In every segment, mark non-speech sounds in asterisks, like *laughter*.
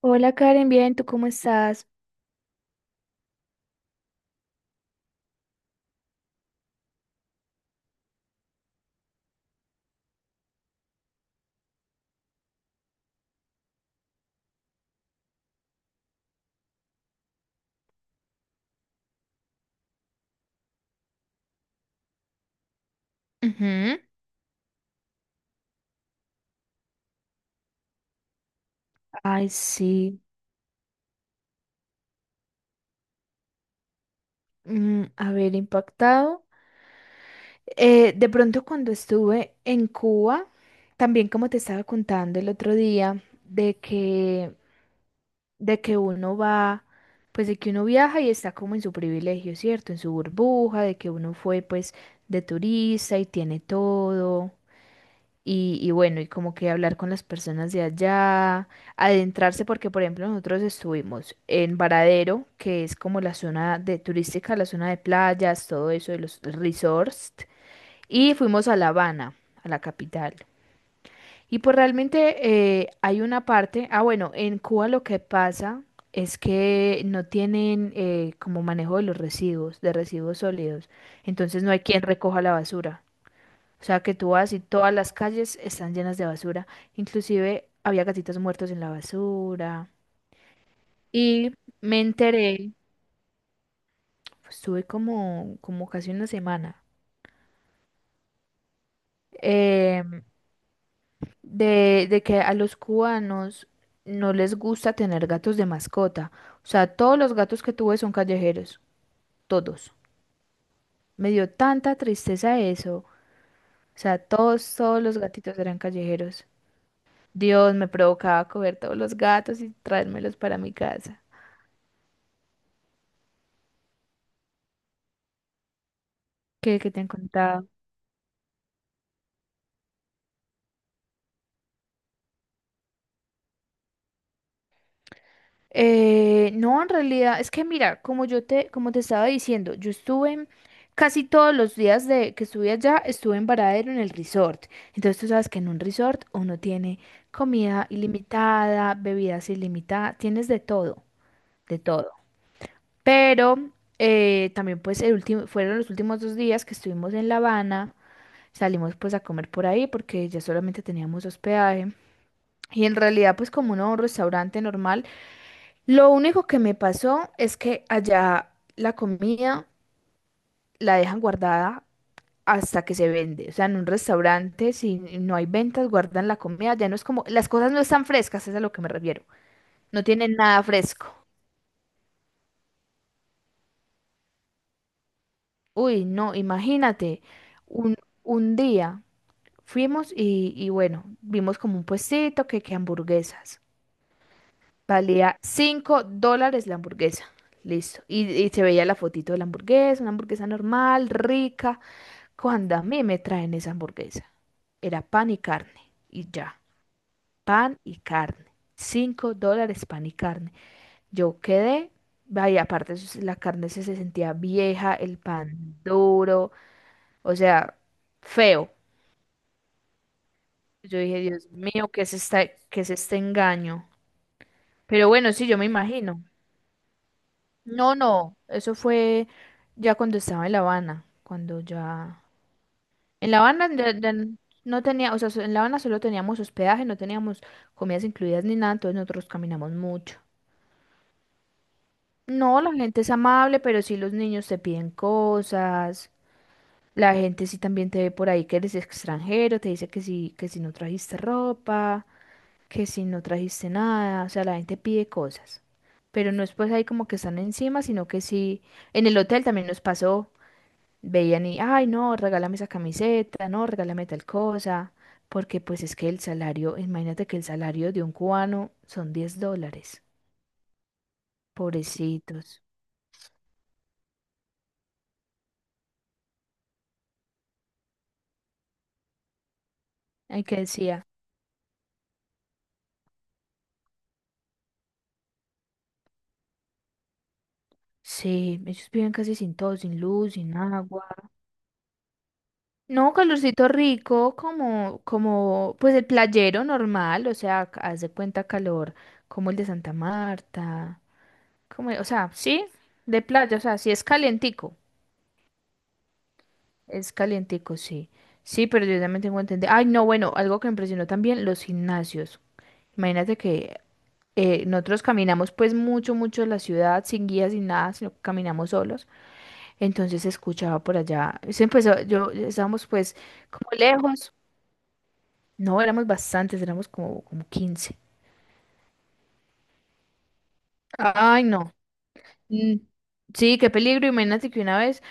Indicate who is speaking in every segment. Speaker 1: Hola Karen, bien, ¿tú cómo estás? Ujú. Ay, sí, a ver, impactado. De pronto cuando estuve en Cuba, también como te estaba contando el otro día, de que uno va, pues de que uno viaja y está como en su privilegio, ¿cierto? En su burbuja, de que uno fue pues de turista y tiene todo. Y bueno, y como que hablar con las personas de allá, adentrarse, porque por ejemplo nosotros estuvimos en Varadero, que es como la zona de turística, la zona de playas, todo eso, de los resorts, y fuimos a La Habana, a la capital. Y pues realmente hay una parte, ah bueno, en Cuba lo que pasa es que no tienen como manejo de los residuos, de residuos sólidos, entonces no hay quien recoja la basura. O sea, que tú vas y todas las calles están llenas de basura. Inclusive había gatitos muertos en la basura. Y me enteré, pues, estuve como, como casi una semana, eh, de que a los cubanos no les gusta tener gatos de mascota. O sea, todos los gatos que tuve son callejeros, todos. Me dio tanta tristeza eso. O sea, todos, todos los gatitos eran callejeros. Dios, me provocaba coger todos los gatos y traérmelos para mi casa. Que te han contado. No, en realidad, es que mira, como yo te, como te estaba diciendo, yo estuve en- casi todos los días de que estuve allá, estuve en Varadero en el resort. Entonces tú sabes que en un resort uno tiene comida ilimitada, bebidas ilimitadas, tienes de todo, de todo. Pero también pues el último, fueron los últimos 2 días que estuvimos en La Habana, salimos pues a comer por ahí porque ya solamente teníamos hospedaje. Y en realidad pues como uno va a un restaurante normal, lo único que me pasó es que allá la comida la dejan guardada hasta que se vende. O sea, en un restaurante, si no hay ventas, guardan la comida. Ya no es como, las cosas no están frescas, es a lo que me refiero. No tienen nada fresco. Uy, no, imagínate, un, un día fuimos y bueno, vimos como un puestito que hamburguesas. Valía 5 dólares la hamburguesa. Listo. Y se veía la fotito de la hamburguesa, una hamburguesa normal, rica. Cuando a mí me traen esa hamburguesa, era pan y carne, y ya, pan y carne. $5 pan y carne. Yo quedé, vaya, aparte eso sí, la carne se, se sentía vieja, el pan duro, o sea, feo. Yo dije, Dios mío, ¿qué es esta- qué es este engaño? Pero bueno, sí, yo me imagino. No, no, eso fue ya cuando estaba en La Habana, cuando ya en La Habana ya- ya n- no tenía, o sea, so- en La Habana solo teníamos hospedaje, no teníamos comidas incluidas ni nada, entonces nosotros caminamos mucho. No, la gente es amable, pero sí los niños te piden cosas. La gente sí también te ve por ahí que eres extranjero, te dice que sí, que si no trajiste ropa, que si no trajiste nada, o sea, la gente pide cosas. Pero no es pues ahí como que están encima, sino que sí, en el hotel también nos pasó. Veían y, ay, no, regálame esa camiseta, no, regálame tal cosa, porque pues es que el salario, imagínate que el salario de un cubano son $10, pobrecitos. Ay, que decía, sí, ellos viven casi sin todo, sin luz, sin agua. No, calorcito rico, como, como, pues el playero normal, o sea, ca- haz de cuenta calor, como el de Santa Marta, como, o sea, sí, de playa, o sea, sí es calientico. Es calientico, sí. Sí, pero yo también tengo entendido. Ay, no, bueno, algo que me impresionó también, los gimnasios. Imagínate que nosotros caminamos pues mucho, mucho en la ciudad, sin guía, sin nada, sino que caminamos solos. Entonces se escuchaba por allá. Se empezó, yo estábamos pues como lejos. No, éramos bastantes, éramos como, como 15. Ay, no. Mm, sí, qué peligro. Imagínate que una vez.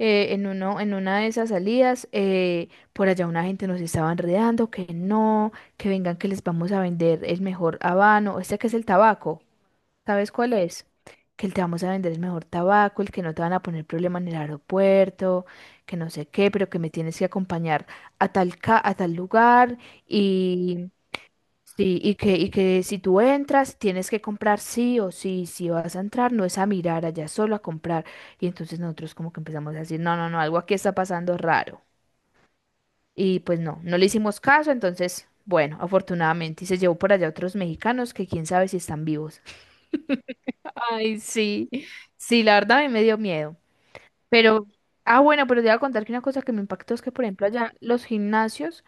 Speaker 1: En uno, en una de esas salidas, por allá una gente nos estaba enredando, que no, que vengan, que les vamos a vender el mejor habano, este que es el tabaco, ¿sabes cuál es? Que te vamos a vender el mejor tabaco, el que no te van a poner problema en el aeropuerto, que no sé qué, pero que me tienes que acompañar a tal, ca- a tal lugar y sí, y que si tú entras, tienes que comprar sí o sí, si vas a entrar, no es a mirar allá, solo a comprar. Y entonces nosotros como que empezamos a decir, no, no, no, algo aquí está pasando raro. Y pues no, no le hicimos caso, entonces, bueno, afortunadamente, y se llevó por allá otros mexicanos que quién sabe si están vivos. *laughs* Ay, sí, sí, la verdad a mí me dio miedo. Pero, ah, bueno, pero te voy a contar que una cosa que me impactó es que, por ejemplo, allá los gimnasios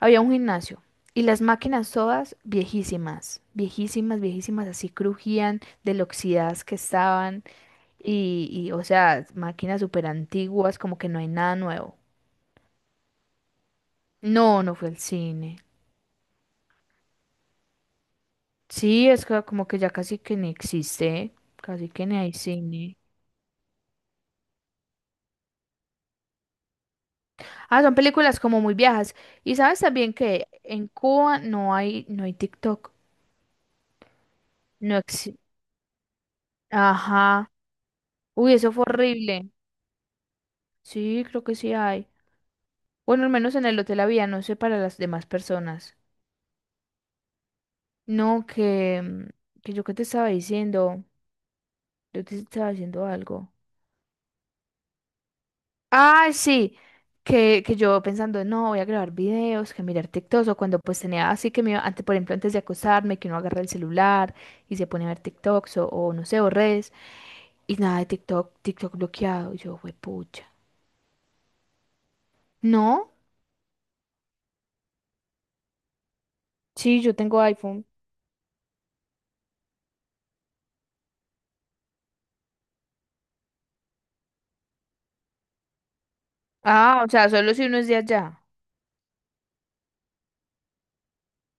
Speaker 1: había un gimnasio y las máquinas todas viejísimas, viejísimas, viejísimas, así crujían de lo oxidadas que estaban y, o sea, máquinas súper antiguas, como que no hay nada nuevo. No, no fue el cine. Sí, es que como que ya casi que ni existe, casi que ni hay cine. Ah, son películas como muy viejas. Y sabes también que en Cuba no hay, no hay TikTok, no existe. Ajá. Uy, eso fue horrible. Sí, creo que sí hay. Bueno, al menos en el hotel había, no sé para las demás personas. No, que, que yo qué te estaba diciendo, yo te estaba diciendo algo. Ah, sí, que yo pensando, no, voy a grabar videos, que mirar TikToks, o cuando pues tenía así que me iba, antes, por ejemplo, antes de acostarme, que uno agarra el celular y se pone a ver TikToks o no sé, o redes, y nada de TikTok, TikTok bloqueado, y yo, pucha. No, sí, yo tengo iPhone. Ah, o sea, solo si uno es de allá.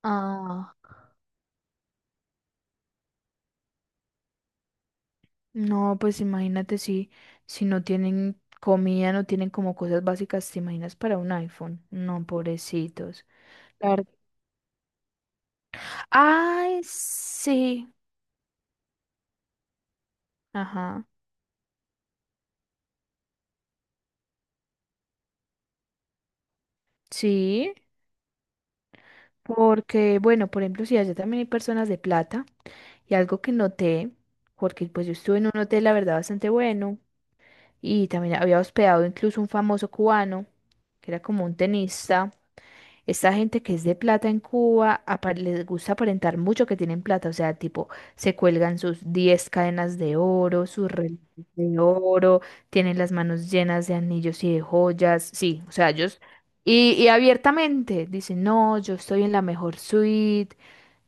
Speaker 1: Ah. No, pues imagínate si, si no tienen comida, no tienen como cosas básicas, ¿te imaginas para un iPhone? No, pobrecitos. La ver- Ay, sí. Ajá. Sí, porque, bueno, por ejemplo, si allá también hay personas de plata, y algo que noté, porque pues yo estuve en un hotel, la verdad, bastante bueno, y también había hospedado incluso un famoso cubano, que era como un tenista. Esta gente que es de plata en Cuba apa- les gusta aparentar mucho que tienen plata, o sea, tipo, se cuelgan sus 10 cadenas de oro, sus relojes de oro, tienen las manos llenas de anillos y de joyas, sí, o sea, ellos, y abiertamente dicen, no, yo estoy en la mejor suite,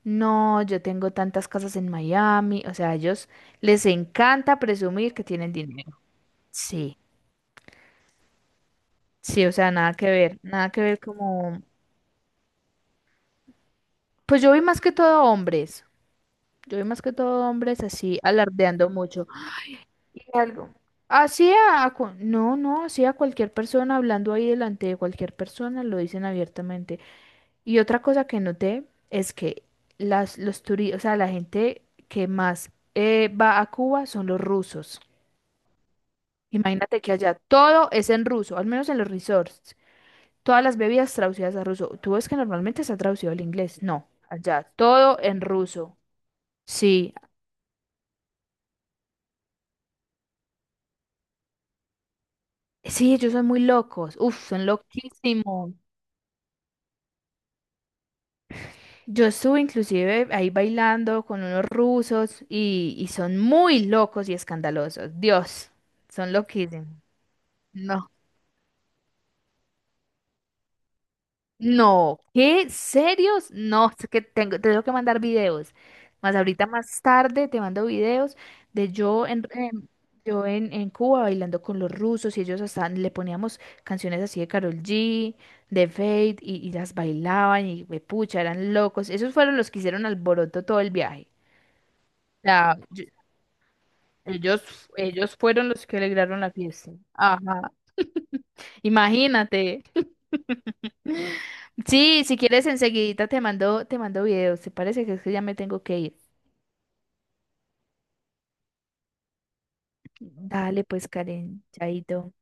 Speaker 1: no, yo tengo tantas casas en Miami, o sea, a ellos les encanta presumir que tienen dinero, sí, sí, o sea, nada que ver, nada que ver como, pues yo vi más que todo hombres. Yo vi más que todo hombres así alardeando mucho. Y algo. Así a, cu- no, no, así a cualquier persona, hablando ahí delante de cualquier persona, lo dicen abiertamente. Y otra cosa que noté es que los turistas, o sea, la gente que más va a Cuba son los rusos. Imagínate que allá todo es en ruso, al menos en los resorts. Todas las bebidas traducidas a ruso. Tú ves que normalmente se ha traducido al inglés. No, allá todo en ruso. Sí, sí, ellos son muy locos, uf, son loquísimos. Yo estuve inclusive ahí bailando con unos rusos y son muy locos y escandalosos. Dios, son loquísimos. No. No, ¿qué? ¿Serios? No, es que tengo, te tengo que mandar videos. Más ahorita más tarde te mando videos de yo en, yo en Cuba bailando con los rusos y ellos hasta le poníamos canciones así de Karol G, de Fate y las bailaban y me pucha, eran locos. Esos fueron los que hicieron alboroto todo el viaje. Sea, yo- ellos fueron los que alegraron la fiesta. Ajá. Imagínate. Sí, si quieres enseguidita te mando videos. ¿Te parece que es que ya me tengo que ir? Dale, pues, Karen, chaito.